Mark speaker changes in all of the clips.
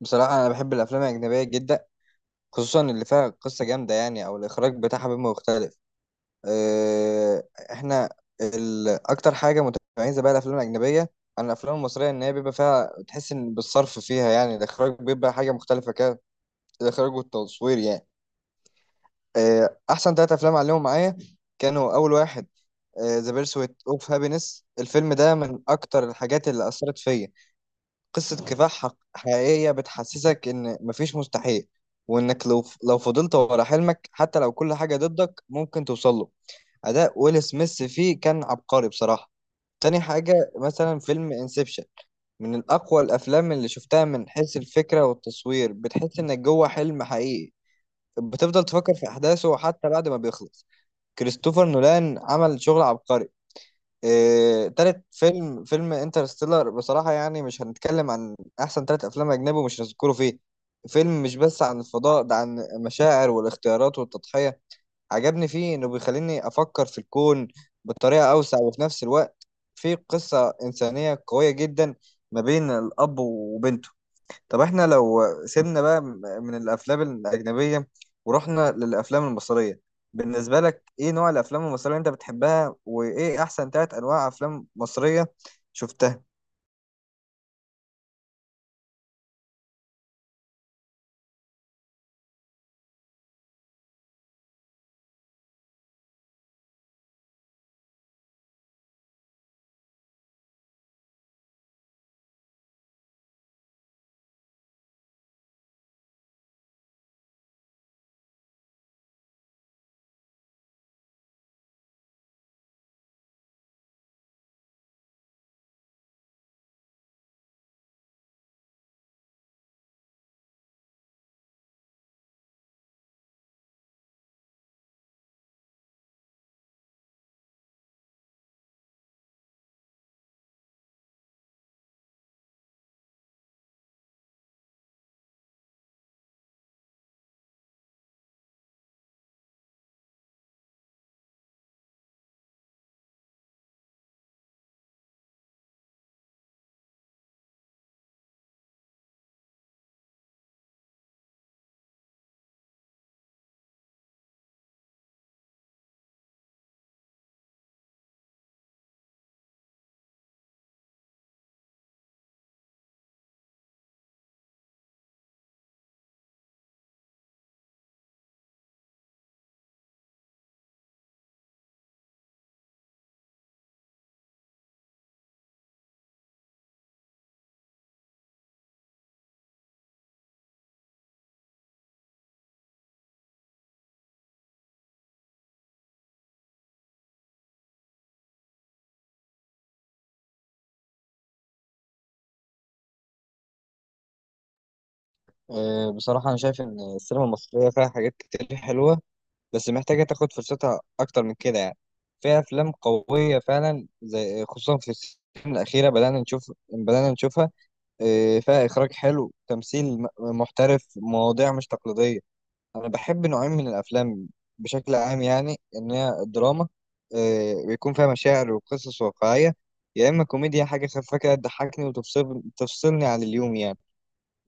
Speaker 1: بصراحة أنا بحب الأفلام الأجنبية جدا، خصوصا اللي فيها قصة جامدة يعني أو الإخراج بتاعها بيبقى مختلف. آه، إحنا أكتر حاجة متميزة بقى الأفلام الأجنبية عن الأفلام المصرية إن هي بيبقى فيها، تحس إن بالصرف فيها يعني الإخراج بيبقى حاجة مختلفة كده، الإخراج والتصوير يعني. أحسن تلات أفلام عليهم معايا كانوا: أول واحد ذا بيرسويت أوف هابينس. الفيلم ده من أكتر الحاجات اللي أثرت فيا، قصة كفاح حقيقية بتحسسك إن مفيش مستحيل، وإنك لو فضلت ورا حلمك حتى لو كل حاجة ضدك ممكن توصل له. أداء ويل سميث فيه كان عبقري بصراحة. تاني حاجة مثلا فيلم انسبشن، من أقوى الأفلام اللي شفتها من حيث الفكرة والتصوير، بتحس إنك جوه حلم حقيقي، بتفضل تفكر في أحداثه حتى بعد ما بيخلص. كريستوفر نولان عمل شغل عبقري. تالت فيلم انترستيلر، بصراحة يعني مش هنتكلم عن أحسن تلات أفلام أجنبي ومش هنذكره فيه. فيلم مش بس عن الفضاء، ده عن المشاعر والاختيارات والتضحية. عجبني فيه إنه بيخليني أفكر في الكون بطريقة أوسع، وفي نفس الوقت فيه قصة إنسانية قوية جدا ما بين الأب وبنته. طب احنا لو سيبنا بقى من الافلام الاجنبيه ورحنا للافلام المصريه، بالنسبه لك ايه نوع الافلام المصريه اللي انت بتحبها، وايه احسن ثلاث انواع افلام مصريه شفتها؟ بصراحة أنا شايف إن السينما المصرية فيها حاجات كتير حلوة، بس محتاجة تاخد فرصتها أكتر من كده يعني. فيها أفلام قوية فعلا، زي خصوصا في السنين الأخيرة بدأنا نشوفها. فيها إخراج حلو، تمثيل محترف، مواضيع مش تقليدية. انا بحب نوعين من الافلام بشكل عام يعني، ان هي الدراما، بيكون فيها مشاعر وقصص واقعيه، يا اما كوميديا حاجه خفيفه كده تضحكني تفصلني عن اليوم يعني.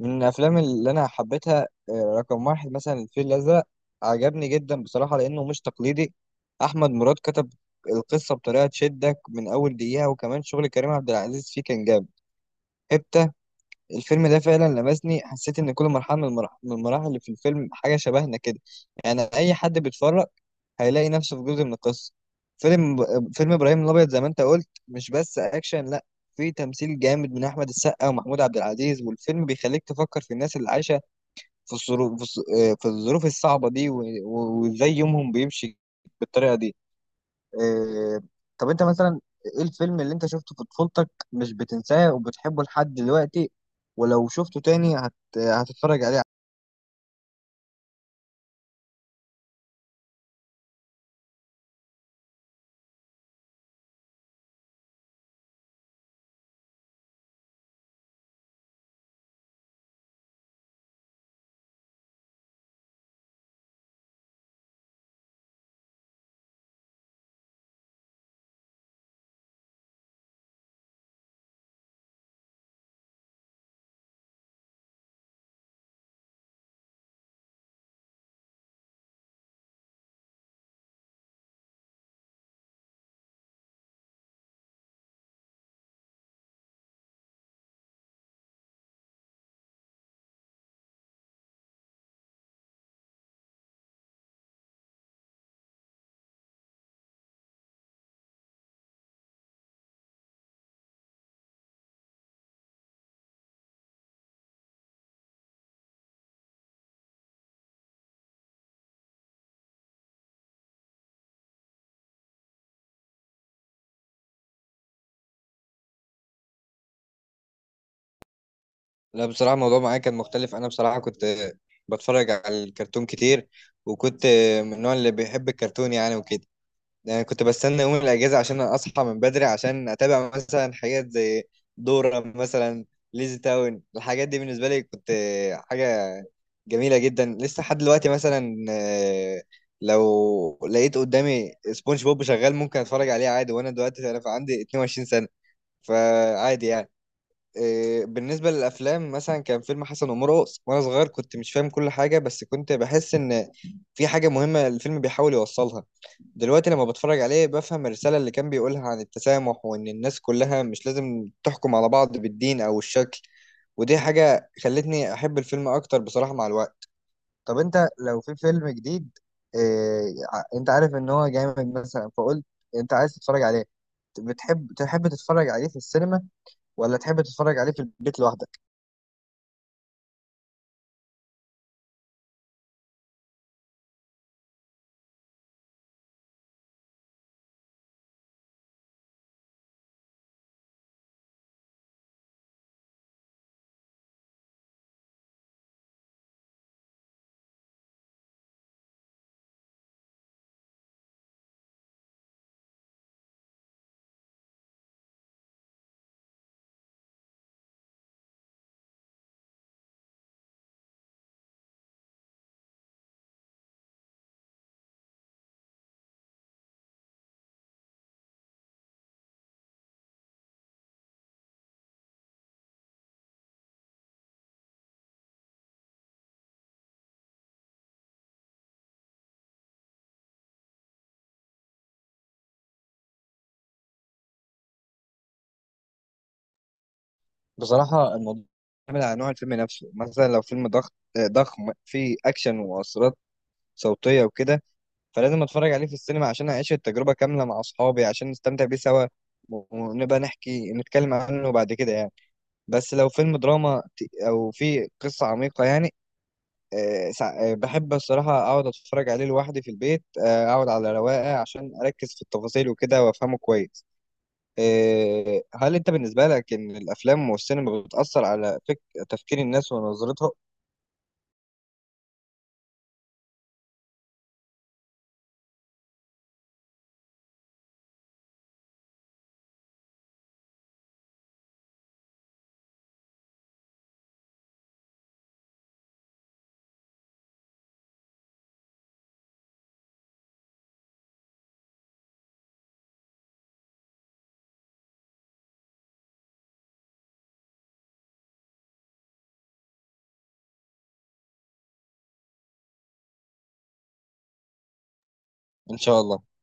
Speaker 1: من الافلام اللي انا حبيتها، رقم واحد مثلا الفيل الازرق، عجبني جدا بصراحه لانه مش تقليدي. احمد مراد كتب القصه بطريقه تشدك من اول دقيقه، وكمان شغل كريم عبد العزيز فيه كان جامد. الفيلم ده فعلا لمسني، حسيت ان كل مرحله من المراحل اللي في الفيلم حاجه شبهنا كده، يعني اي حد بيتفرج هيلاقي نفسه في جزء من القصه. فيلم فيلم ابراهيم الابيض زي ما انت قلت مش بس اكشن، لا، في تمثيل جامد من احمد السقا ومحمود عبد العزيز، والفيلم بيخليك تفكر في الناس اللي عايشه في الظروف في الظ- في الظروف الصعبه دي وازاي يومهم بيمشي بالطريقه دي. آه، طب انت مثلا ايه الفيلم اللي انت شفته في طفولتك مش بتنساه وبتحبه لحد دلوقتي، ولو شفته تاني هتتفرج عليه؟ لا بصراحة الموضوع معايا كان مختلف. أنا بصراحة كنت بتفرج على الكرتون كتير، وكنت من النوع اللي بيحب الكرتون يعني وكده. يعني كنت بستنى يوم الأجازة عشان أصحى من بدري عشان أتابع مثلا حاجات زي دورة مثلا، ليزي تاون. الحاجات دي بالنسبة لي كنت حاجة جميلة جدا، لسه لحد دلوقتي مثلا لو لقيت قدامي سبونج بوب شغال ممكن اتفرج عليه عادي، وانا دلوقتي انا عندي 22 سنة، فعادي يعني. بالنسبة للأفلام مثلا كان فيلم حسن ومرقص، وأنا صغير كنت مش فاهم كل حاجة، بس كنت بحس إن في حاجة مهمة الفيلم بيحاول يوصلها. دلوقتي لما بتفرج عليه بفهم الرسالة اللي كان بيقولها عن التسامح، وإن الناس كلها مش لازم تحكم على بعض بالدين أو الشكل، ودي حاجة خلتني أحب الفيلم أكتر بصراحة مع الوقت. طب انت لو في فيلم جديد، إيه انت عارف ان هو جامد مثلا فقلت انت عايز تتفرج عليه، بتحب تتفرج عليه في السينما، ولا تحب تتفرج عليه في البيت لوحدك؟ بصراحة الموضوع بيعتمد على نوع الفيلم نفسه. مثلا لو فيلم ضغط آه، ضخم فيه اكشن ومؤثرات صوتية وكده، فلازم اتفرج عليه في السينما عشان اعيش التجربة كاملة مع اصحابي عشان نستمتع بيه سوا، ونبقى نتكلم عنه بعد كده يعني. بس لو فيلم دراما او فيه قصة عميقة يعني، بحب الصراحة أقعد أتفرج عليه لوحدي في البيت، أقعد على رواقة عشان أركز في التفاصيل وكده وأفهمه كويس. هل أنت بالنسبة لك إن الأفلام والسينما بتأثر على تفكير الناس ونظرتها؟ إن شاء الله.